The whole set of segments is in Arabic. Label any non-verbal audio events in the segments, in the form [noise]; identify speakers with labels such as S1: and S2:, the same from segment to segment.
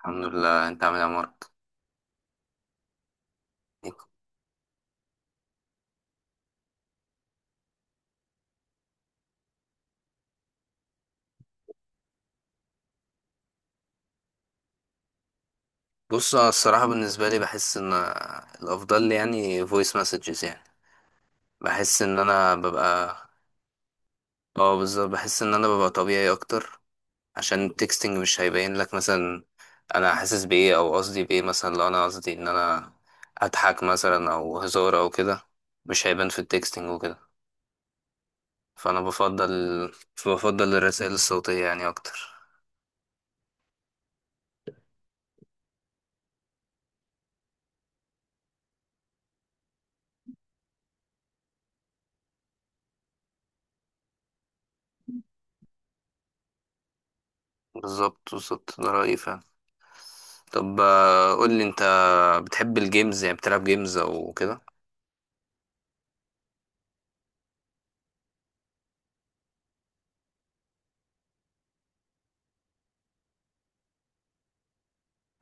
S1: الحمد لله. انت عامل ايه يا مارك؟ بص انا الصراحه بالنسبه لي بحس ان الافضل لي يعني فويس مسجز، يعني بحس ان انا ببقى. اه بالظبط، بحس ان انا ببقى طبيعي اكتر، عشان التكستنج مش هيبين لك مثلا انا حاسس بايه او قصدي بايه، مثلا لو انا قصدي ان انا اضحك مثلا او هزار او كده مش هيبان في التكستنج وكده. فانا بفضل الرسائل الصوتيه يعني اكتر. بالظبط بالظبط، ده رايي فعلا. طب قول لي انت، بتحب الجيمز؟ يعني بتلعب جيمز او كده؟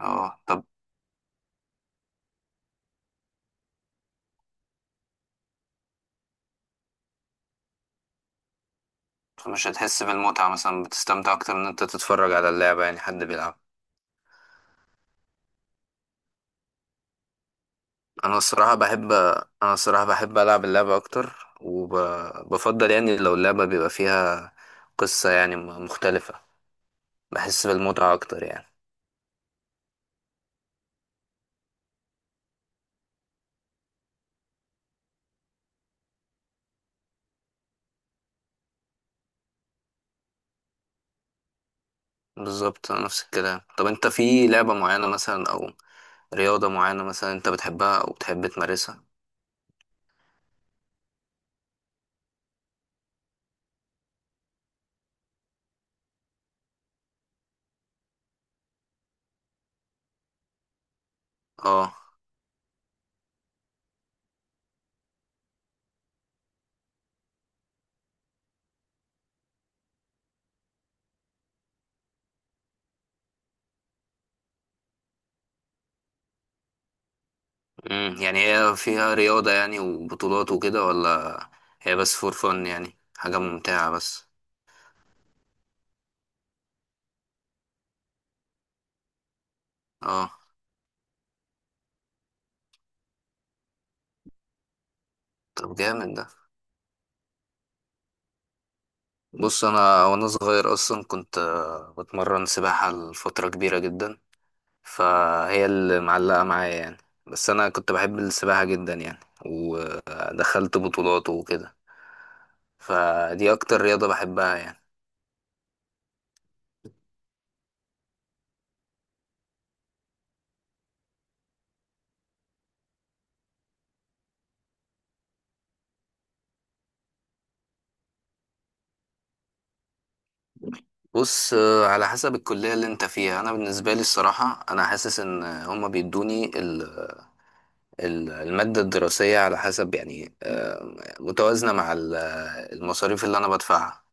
S1: اه طب، مش هتحس بالمتعة؟ مثلا بتستمتع اكتر ان انت تتفرج على اللعبة يعني حد بيلعب؟ انا الصراحة بحب العب اللعبة اكتر، وبفضل يعني لو اللعبة بيبقى فيها قصة يعني مختلفة. بحس بالمتعة اكتر يعني. بالظبط نفس الكلام. طب انت في لعبة معينة مثلا او رياضة معينة مثلا انت بتحبها او بتحب تمارسها؟ اه يعني هي فيها رياضة يعني وبطولات وكده ولا هي بس فور فن؟ يعني حاجة ممتعة بس. اه طب جامد ده. بص انا وانا صغير اصلا كنت بتمرن سباحة لفترة كبيرة جدا، فهي اللي معلقة معايا يعني. بس انا كنت بحب السباحة جدا يعني، ودخلت بطولات وكده، فدي اكتر رياضة بحبها يعني. بص على حسب الكلية اللي انت فيها. انا بالنسبة لي الصراحة انا حاسس ان هما بيدوني المادة الدراسية على حسب يعني متوازنة مع المصاريف اللي أنا بدفعها.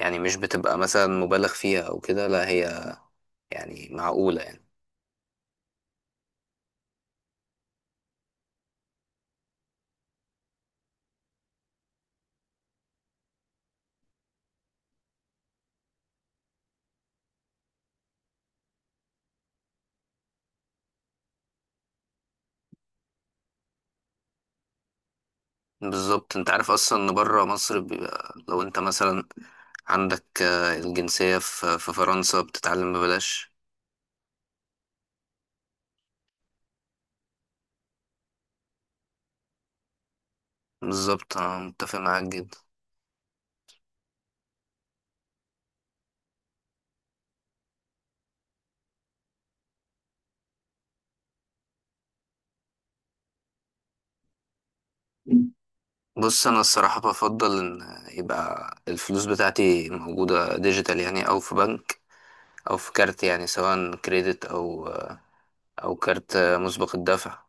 S1: يعني مش بتبقى مثلا مبالغ فيها أو كده، لا هي يعني معقولة يعني. بالظبط، أنت عارف أصلا إن بره مصر بيبقى لو أنت مثلا عندك الجنسية في فرنسا بتتعلم ببلاش. بالظبط، أنا متفق معاك جدا. بص أنا الصراحة بفضل إن يبقى الفلوس بتاعتي موجودة ديجيتال يعني، أو في بنك أو في كارت، يعني سواء كريدت أو او كارت مسبق الدفع.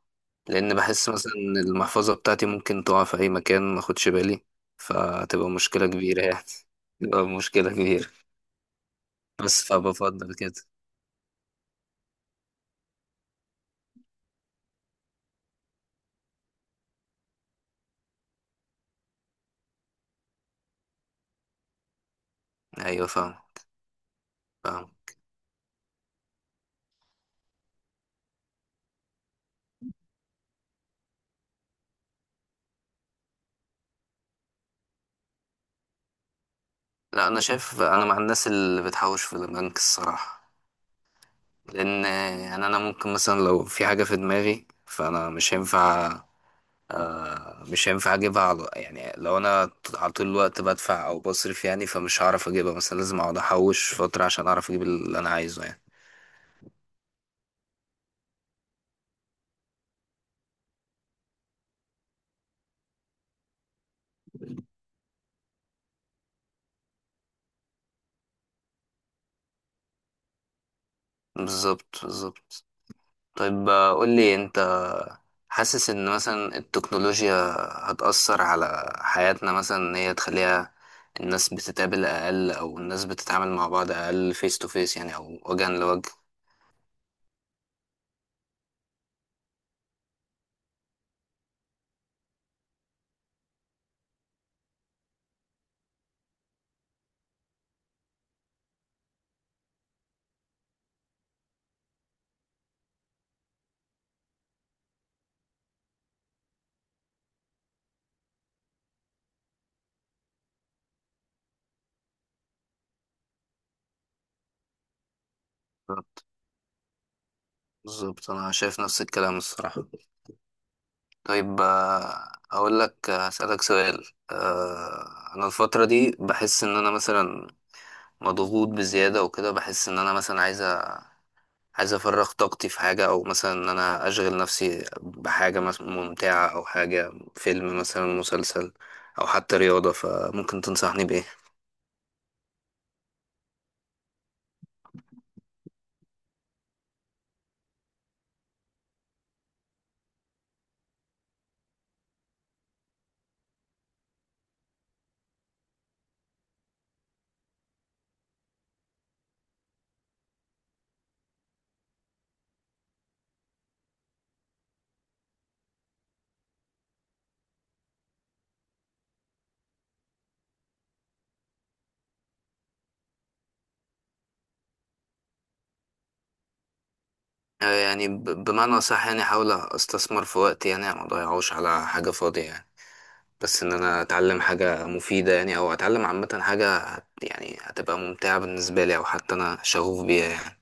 S1: لان بحس مثلا إن المحفظة بتاعتي ممكن تقع في اي مكان ما اخدش بالي، فتبقى مشكلة كبيرة يعني. [laughs] تبقى مشكلة كبيرة. بس فبفضل كده. ايوه فاهم. فاهم. لا انا شايف، انا مع الناس اللي بتحوش في البنك الصراحة. لان يعني انا ممكن مثلا لو في حاجة في دماغي فانا مش هينفع مش هينفع اجيبها، على يعني لو انا على طول الوقت بدفع او بصرف يعني فمش هعرف اجيبها، مثلا لازم اقعد احوش فترة عشان اعرف اجيب اللي انا عايزه يعني. بالظبط بالظبط. طيب قول لي انت، حاسس ان مثلا التكنولوجيا هتأثر على حياتنا مثلا ان هي تخليها الناس بتتقابل اقل او الناس بتتعامل مع بعض اقل فيس تو فيس يعني او وجها لوجه؟ بالظبط، انا شايف نفس الكلام الصراحة. طيب اقول لك هسألك سؤال. انا الفترة دي بحس ان انا مثلا مضغوط بزيادة وكده، بحس ان انا مثلا عايز عايز افرغ طاقتي في حاجة، او مثلا ان انا اشغل نفسي بحاجة مثلا ممتعة، او حاجة فيلم مثلا مسلسل او حتى رياضة، فممكن تنصحني بايه؟ يعني بمعنى صح؟ يعني احاول استثمر في وقتي يعني ما اضيعوش على حاجة فاضية يعني، بس ان انا اتعلم حاجة مفيدة يعني، او اتعلم عامة حاجة يعني هتبقى ممتعة بالنسبة لي او حتى انا شغوف بيها يعني.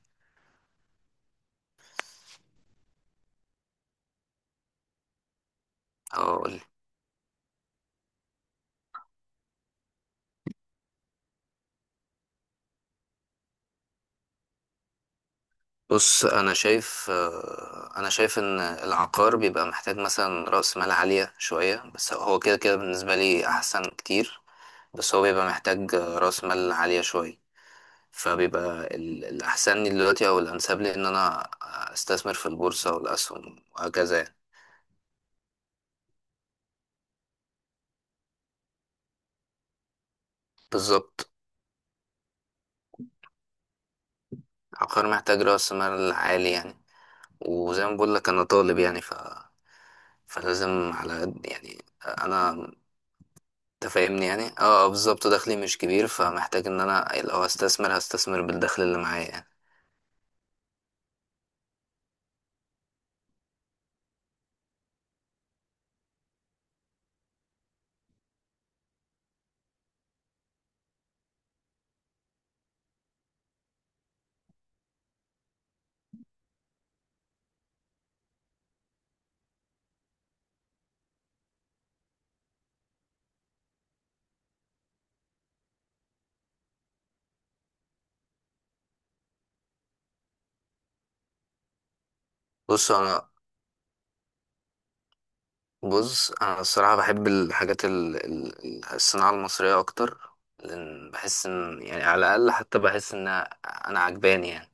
S1: اقول بص انا شايف ان العقار بيبقى محتاج مثلا رأس مال عالية شوية، بس هو كده كده بالنسبة لي احسن كتير. بس هو بيبقى محتاج رأس مال عالية شوية. فبيبقى الأحسن لي دلوقتي أو الأنسب لي إن أنا أستثمر في البورصة والأسهم وهكذا يعني. بالظبط، عقار محتاج رأس مال عالي يعني. وزي ما بقول لك انا طالب يعني، ف... فلازم على قد يعني انا تفاهمني يعني. اه بالظبط، دخلي مش كبير، فمحتاج ان انا لو هستثمر هستثمر بالدخل اللي معايا يعني. بص انا بص انا الصراحه بحب الحاجات الصناعه المصريه اكتر. لان بحس ان يعني على الاقل، حتى بحس ان انا عجباني يعني.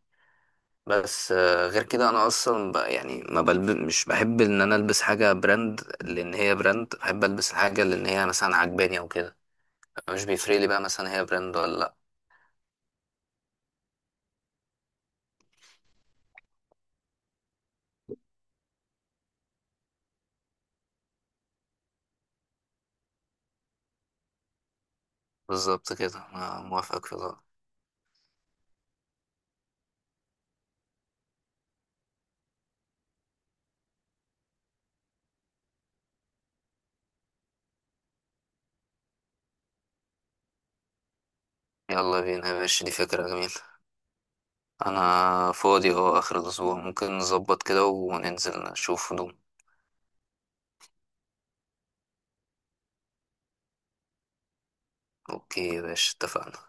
S1: بس غير كده انا اصلا يعني ما بلب... مش بحب ان انا البس حاجه براند لان هي براند، بحب البس الحاجه لان هي مثلا عجباني او كده. مش بيفرق لي بقى مثلا هي براند ولا لأ. بالظبط كده، أنا موافقك في ده. يلا بينا يا باشا، دي فكرة جميلة. أنا فاضي أهو آخر الأسبوع، ممكن نظبط كده وننزل نشوف هدوم. أوكي يا باشا اتفقنا.